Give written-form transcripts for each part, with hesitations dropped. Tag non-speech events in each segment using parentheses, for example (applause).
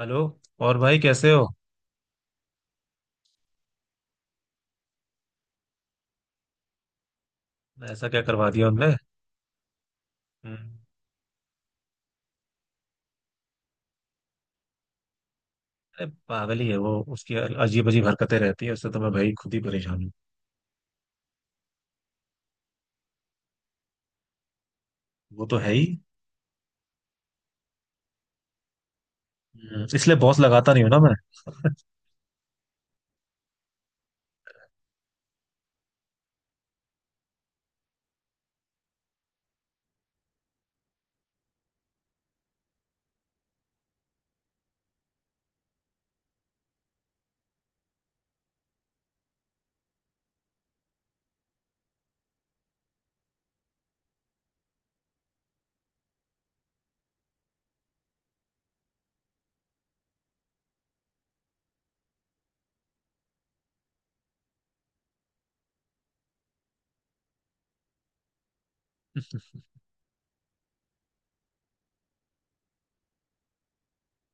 Hello. और भाई कैसे हो? ऐसा क्या करवा दिया उनने? हम्म, अरे पागल ही है वो। उसकी अजीब अजीब हरकतें रहती है, उससे तो मैं भाई खुद ही परेशान हूँ। वो तो है ही। इसलिए बॉस लगाता नहीं हूँ ना मैं।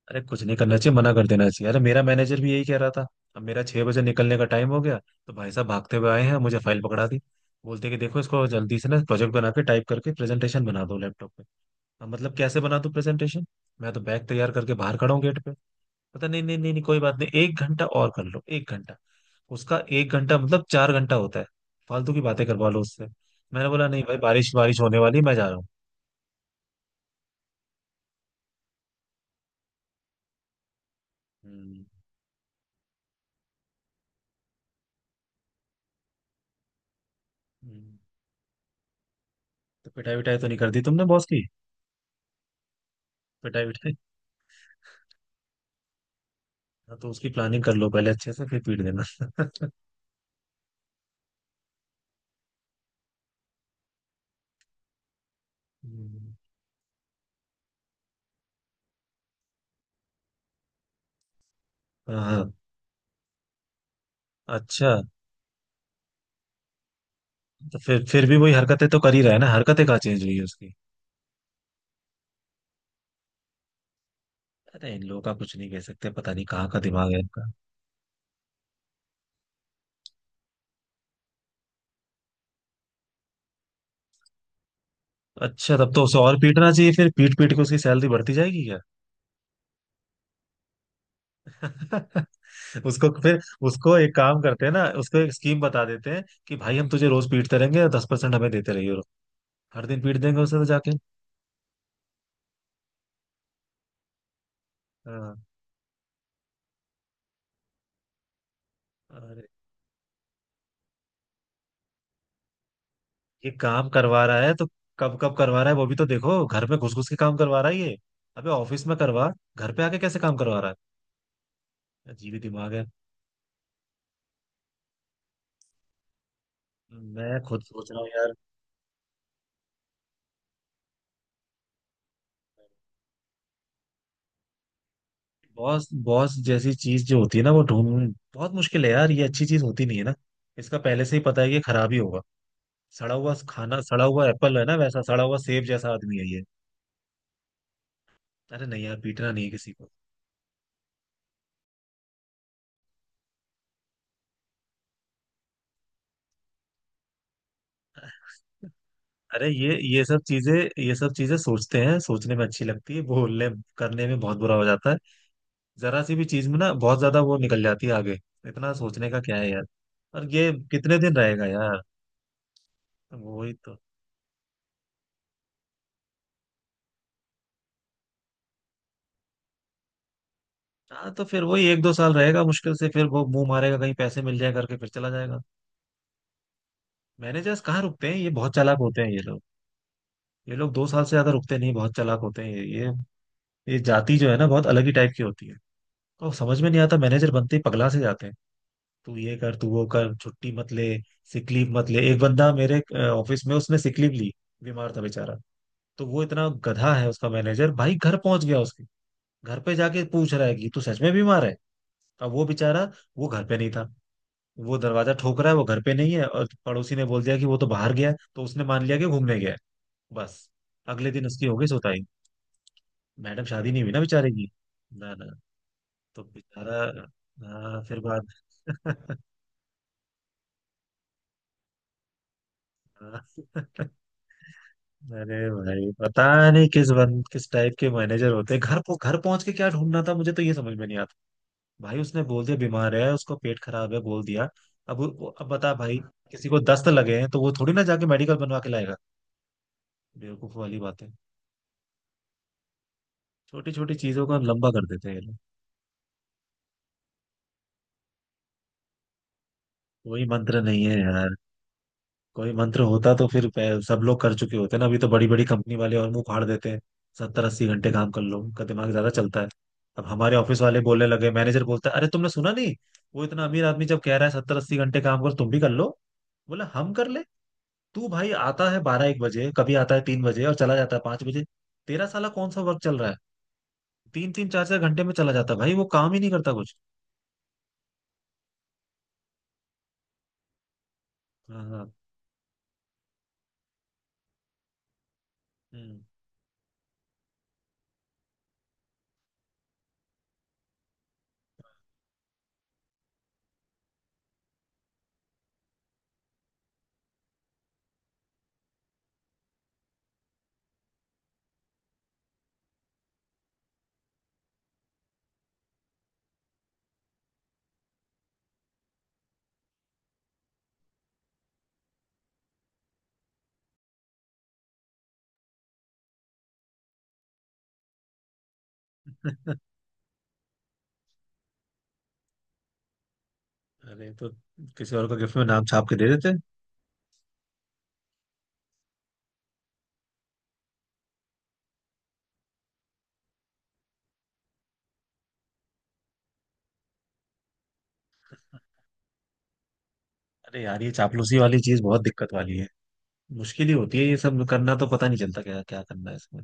अरे कुछ नहीं करना चाहिए, मना कर देना चाहिए। अरे मेरा मैनेजर भी यही कह रहा था। अब मेरा 6 बजे निकलने का टाइम हो गया, तो भाई साहब भागते हुए आए हैं, मुझे फाइल पकड़ा दी। बोलते कि देखो इसको जल्दी से ना प्रोजेक्ट बना के, टाइप करके प्रेजेंटेशन बना दो लैपटॉप पे। अब मतलब कैसे बना दो प्रेजेंटेशन? मैं तो बैग तैयार करके बाहर खड़ा हूँ गेट पे। पता नहीं नहीं नहीं नहीं, कोई बात नहीं, 1 घंटा और कर लो, एक घंटा। उसका एक घंटा मतलब 4 घंटा होता है। फालतू की बातें करवा लो उससे। मैंने बोला नहीं भाई, बारिश बारिश होने वाली है, मैं जा रहा हूँ। हम्म। हम्म। तो पिटाई विटाई तो नहीं कर दी तुमने बॉस की? पिटाई विटाई। हाँ, तो उसकी प्लानिंग कर लो पहले अच्छे से, फिर पीट देना। (laughs) हम्म। हाँ। अच्छा। तो फिर भी वही हरकतें तो कर ही रहा है ना। हरकतें कहाँ चेंज हुई है उसकी? अरे इन लोगों का कुछ नहीं कह सकते, पता नहीं कहाँ का दिमाग है इनका। अच्छा, तब तो उसे और पीटना चाहिए, फिर पीट पीट के उसकी सैलरी बढ़ती जाएगी क्या? (laughs) उसको फिर उसको एक काम करते हैं ना, उसको एक स्कीम बता देते हैं कि भाई हम तुझे रोज पीटते रहेंगे, 10% हमें देते रहिए। हर दिन पीट देंगे उसे तो जाके। हाँ। अरे ये काम करवा रहा है तो कब कब करवा रहा है वो भी तो देखो। घर में घुस घुस के काम करवा रहा है ये। अबे ऑफिस में करवा, घर पे आके कैसे काम करवा रहा है? अजीब ही दिमाग है। मैं खुद सोच रहा हूँ यार। बॉस बॉस जैसी चीज जो होती है ना, वो ढूंढ बहुत मुश्किल है यार। ये अच्छी चीज होती नहीं है ना, इसका पहले से ही पता है कि ये खराब ही होगा। सड़ा हुआ खाना, सड़ा हुआ एप्पल है ना, वैसा सड़ा हुआ सेब जैसा आदमी है ये। अरे नहीं यार, पीटना नहीं है किसी को। अरे ये सब चीजें, ये सब चीजें सोचते हैं, सोचने में अच्छी लगती है, बोलने करने में बहुत बुरा हो जाता है। जरा सी भी चीज में ना बहुत ज्यादा वो निकल जाती है आगे। इतना सोचने का क्या है यार? और ये कितने दिन रहेगा यार? वही तो। हाँ, तो फिर वही एक दो साल रहेगा मुश्किल से, फिर वो मुंह मारेगा कहीं पैसे मिल जाए करके, फिर चला जाएगा। मैनेजर्स कहाँ रुकते हैं, ये बहुत चालाक होते हैं ये लोग। ये लोग 2 साल से ज्यादा रुकते नहीं, बहुत चालाक होते हैं ये। ये जाति जो है ना बहुत अलग ही टाइप की होती है। तो समझ में नहीं आता, मैनेजर बनते ही पगला से जाते हैं। तू ये कर, तू वो कर, छुट्टी मत ले, सिक लीव मत ले। एक बंदा मेरे ऑफिस में, उसने सिक लीव ली, बीमार था बेचारा। तो वो इतना गधा है उसका मैनेजर, भाई घर पहुंच गया उसके। घर पे जाके पूछ रहा है कि तू सच में बीमार है? अब वो बेचारा, वो घर पे नहीं था। वो दरवाजा ठोक रहा है, वो घर पे नहीं है, और पड़ोसी ने बोल दिया कि वो तो बाहर गया है, तो उसने मान लिया कि घूमने गया है। बस। अगले दिन उसकी हो गई सोताई। मैडम, शादी नहीं हुई ना बेचारे की। ना ना। तो बेचारा। हाँ, फिर बाद। (laughs) अरे भाई, पता नहीं किस टाइप के मैनेजर होते हैं, घर को घर पहुंच के क्या ढूंढना था, मुझे तो ये समझ में नहीं आता। भाई उसने बोल दिया बीमार है, उसको पेट खराब है बोल दिया। अब बता भाई, किसी को दस्त लगे हैं तो वो थोड़ी ना जाके मेडिकल बनवा के लाएगा। बेवकूफ वाली बातें। छोटी छोटी चीजों का लंबा कर देते हैं ये लोग। कोई मंत्र नहीं है यार। कोई मंत्र होता तो फिर सब लोग कर चुके होते ना। अभी तो बड़ी बड़ी कंपनी वाले और मुंह फाड़ देते हैं, 70 80 घंटे काम कर लो, उनका दिमाग ज्यादा चलता है। अब हमारे ऑफिस वाले बोलने लगे, मैनेजर बोलता है अरे तुमने सुना नहीं, वो इतना अमीर आदमी जब कह रहा है 70 80 घंटे काम करो, तुम भी कर लो। बोला हम कर ले, तू भाई आता है 12 1 बजे, कभी आता है 3 बजे और चला जाता है 5 बजे। तेरा साला कौन सा वर्क चल रहा है? तीन तीन चार चार घंटे में चला जाता है भाई, वो काम ही नहीं करता कुछ। हाँ हाँ। हम्म। (laughs) अरे तो किसी और को गिफ्ट में नाम छाप के दे देते। अरे यार ये चापलूसी वाली चीज बहुत दिक्कत वाली है, मुश्किल ही होती है ये सब करना। तो पता नहीं चलता क्या क्या करना है इसमें।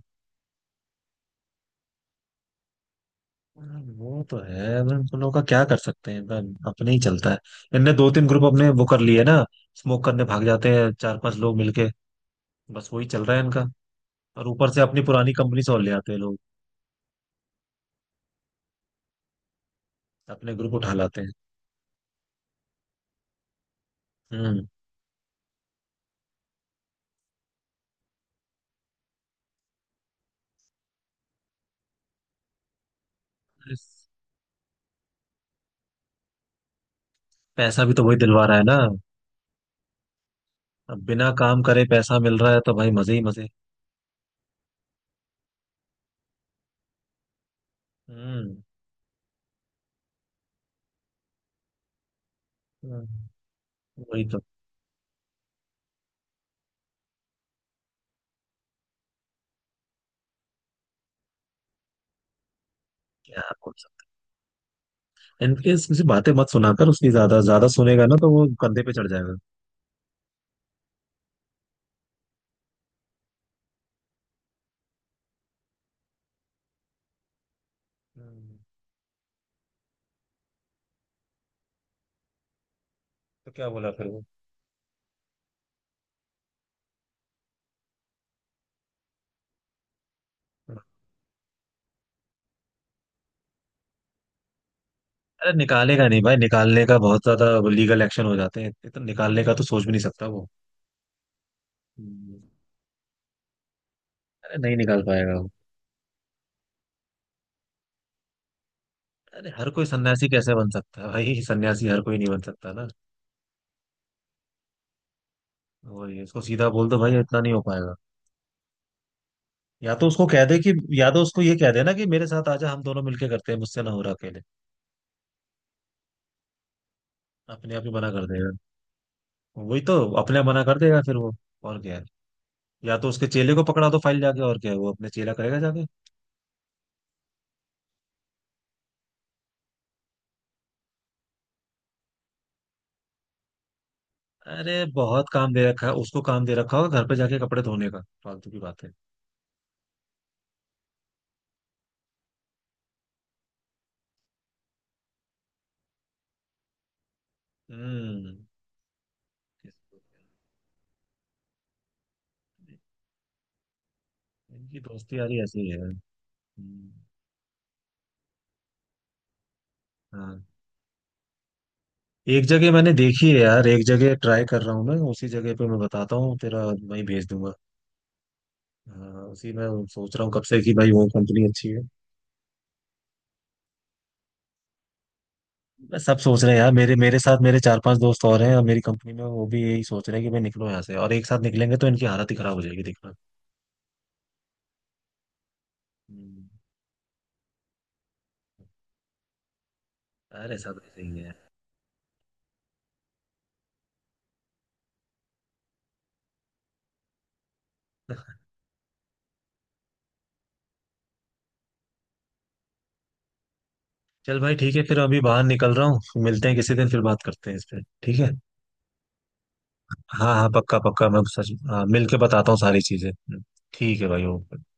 हाँ, वो तो है, अब हम उन लोगों का क्या कर सकते हैं, एकदम अपने ही चलता है। इनने दो तीन ग्रुप अपने वो कर लिए ना, स्मोक करने भाग जाते हैं चार पांच लोग मिलके। बस वही चल रहा है इनका। और ऊपर से अपनी पुरानी कंपनी से और ले आते हैं लोग, अपने ग्रुप उठा लाते हैं। हम्म। इस- पैसा भी तो वही दिलवा रहा है ना। अब बिना काम करे पैसा मिल रहा है तो भाई मजे ही मजे। हम्म। हम्म। वही तो। क्या कुछ इनकेस किसी बातें मत सुनाकर, उसकी ज्यादा ज्यादा सुनेगा ना तो वो कंधे पे चढ़ जाएगा। हम्म। तो क्या बोला फिर वो? हम्म। अरे निकालेगा नहीं भाई, निकालने का बहुत ज्यादा लीगल एक्शन हो जाते हैं, इतना निकालने का तो सोच भी नहीं सकता वो। हम्म। अरे नहीं निकाल पाएगा वो। अरे हर कोई सन्यासी कैसे बन सकता है भाई, सन्यासी हर कोई नहीं बन सकता ना। वही उसको सीधा बोल दो भाई, इतना नहीं हो पाएगा। या तो उसको कह दे कि, या तो उसको ये कह दे ना कि मेरे साथ आजा, हम दोनों मिलके करते हैं, मुझसे ना हो रहा अकेले। अपने आप ही मना कर देगा। वही तो अपने आप मना कर देगा फिर वो। और क्या है? या तो उसके चेले को पकड़ा दो फाइल जाके, और क्या है, वो अपने चेला करेगा जाके। अरे बहुत काम दे रखा है उसको, काम दे रखा होगा घर पे जाके कपड़े धोने का। फालतू की बात है। हम्म। इनकी दोस्ती यारी ऐसी ही है। हम्म। हाँ। एक जगह मैंने देखी है यार, एक जगह ट्राई कर रहा हूँ मैं, उसी जगह पे मैं बताता हूँ, तेरा वहीं भेज दूंगा। हाँ उसी में सोच रहा हूँ कब से कि भाई वो कंपनी अच्छी है। मैं सब सोच रहे हैं यार, मेरे मेरे साथ मेरे चार पांच दोस्त और हैं और मेरी कंपनी में, वो भी यही सोच रहे हैं कि भाई निकलो यहाँ से, और एक साथ निकलेंगे तो इनकी हालत ही खराब हो जाएगी, देखना। हम्म। अरे सब ऐसे ही है। (laughs) चल भाई ठीक है, फिर अभी बाहर निकल रहा हूँ, मिलते हैं किसी दिन, फिर बात करते हैं इस पे, ठीक है। हाँ हाँ, पक्का पक्का, मैं सच हाँ मिल के बताता हूँ सारी चीजें। हम्म। ठीक है भाई, ओके।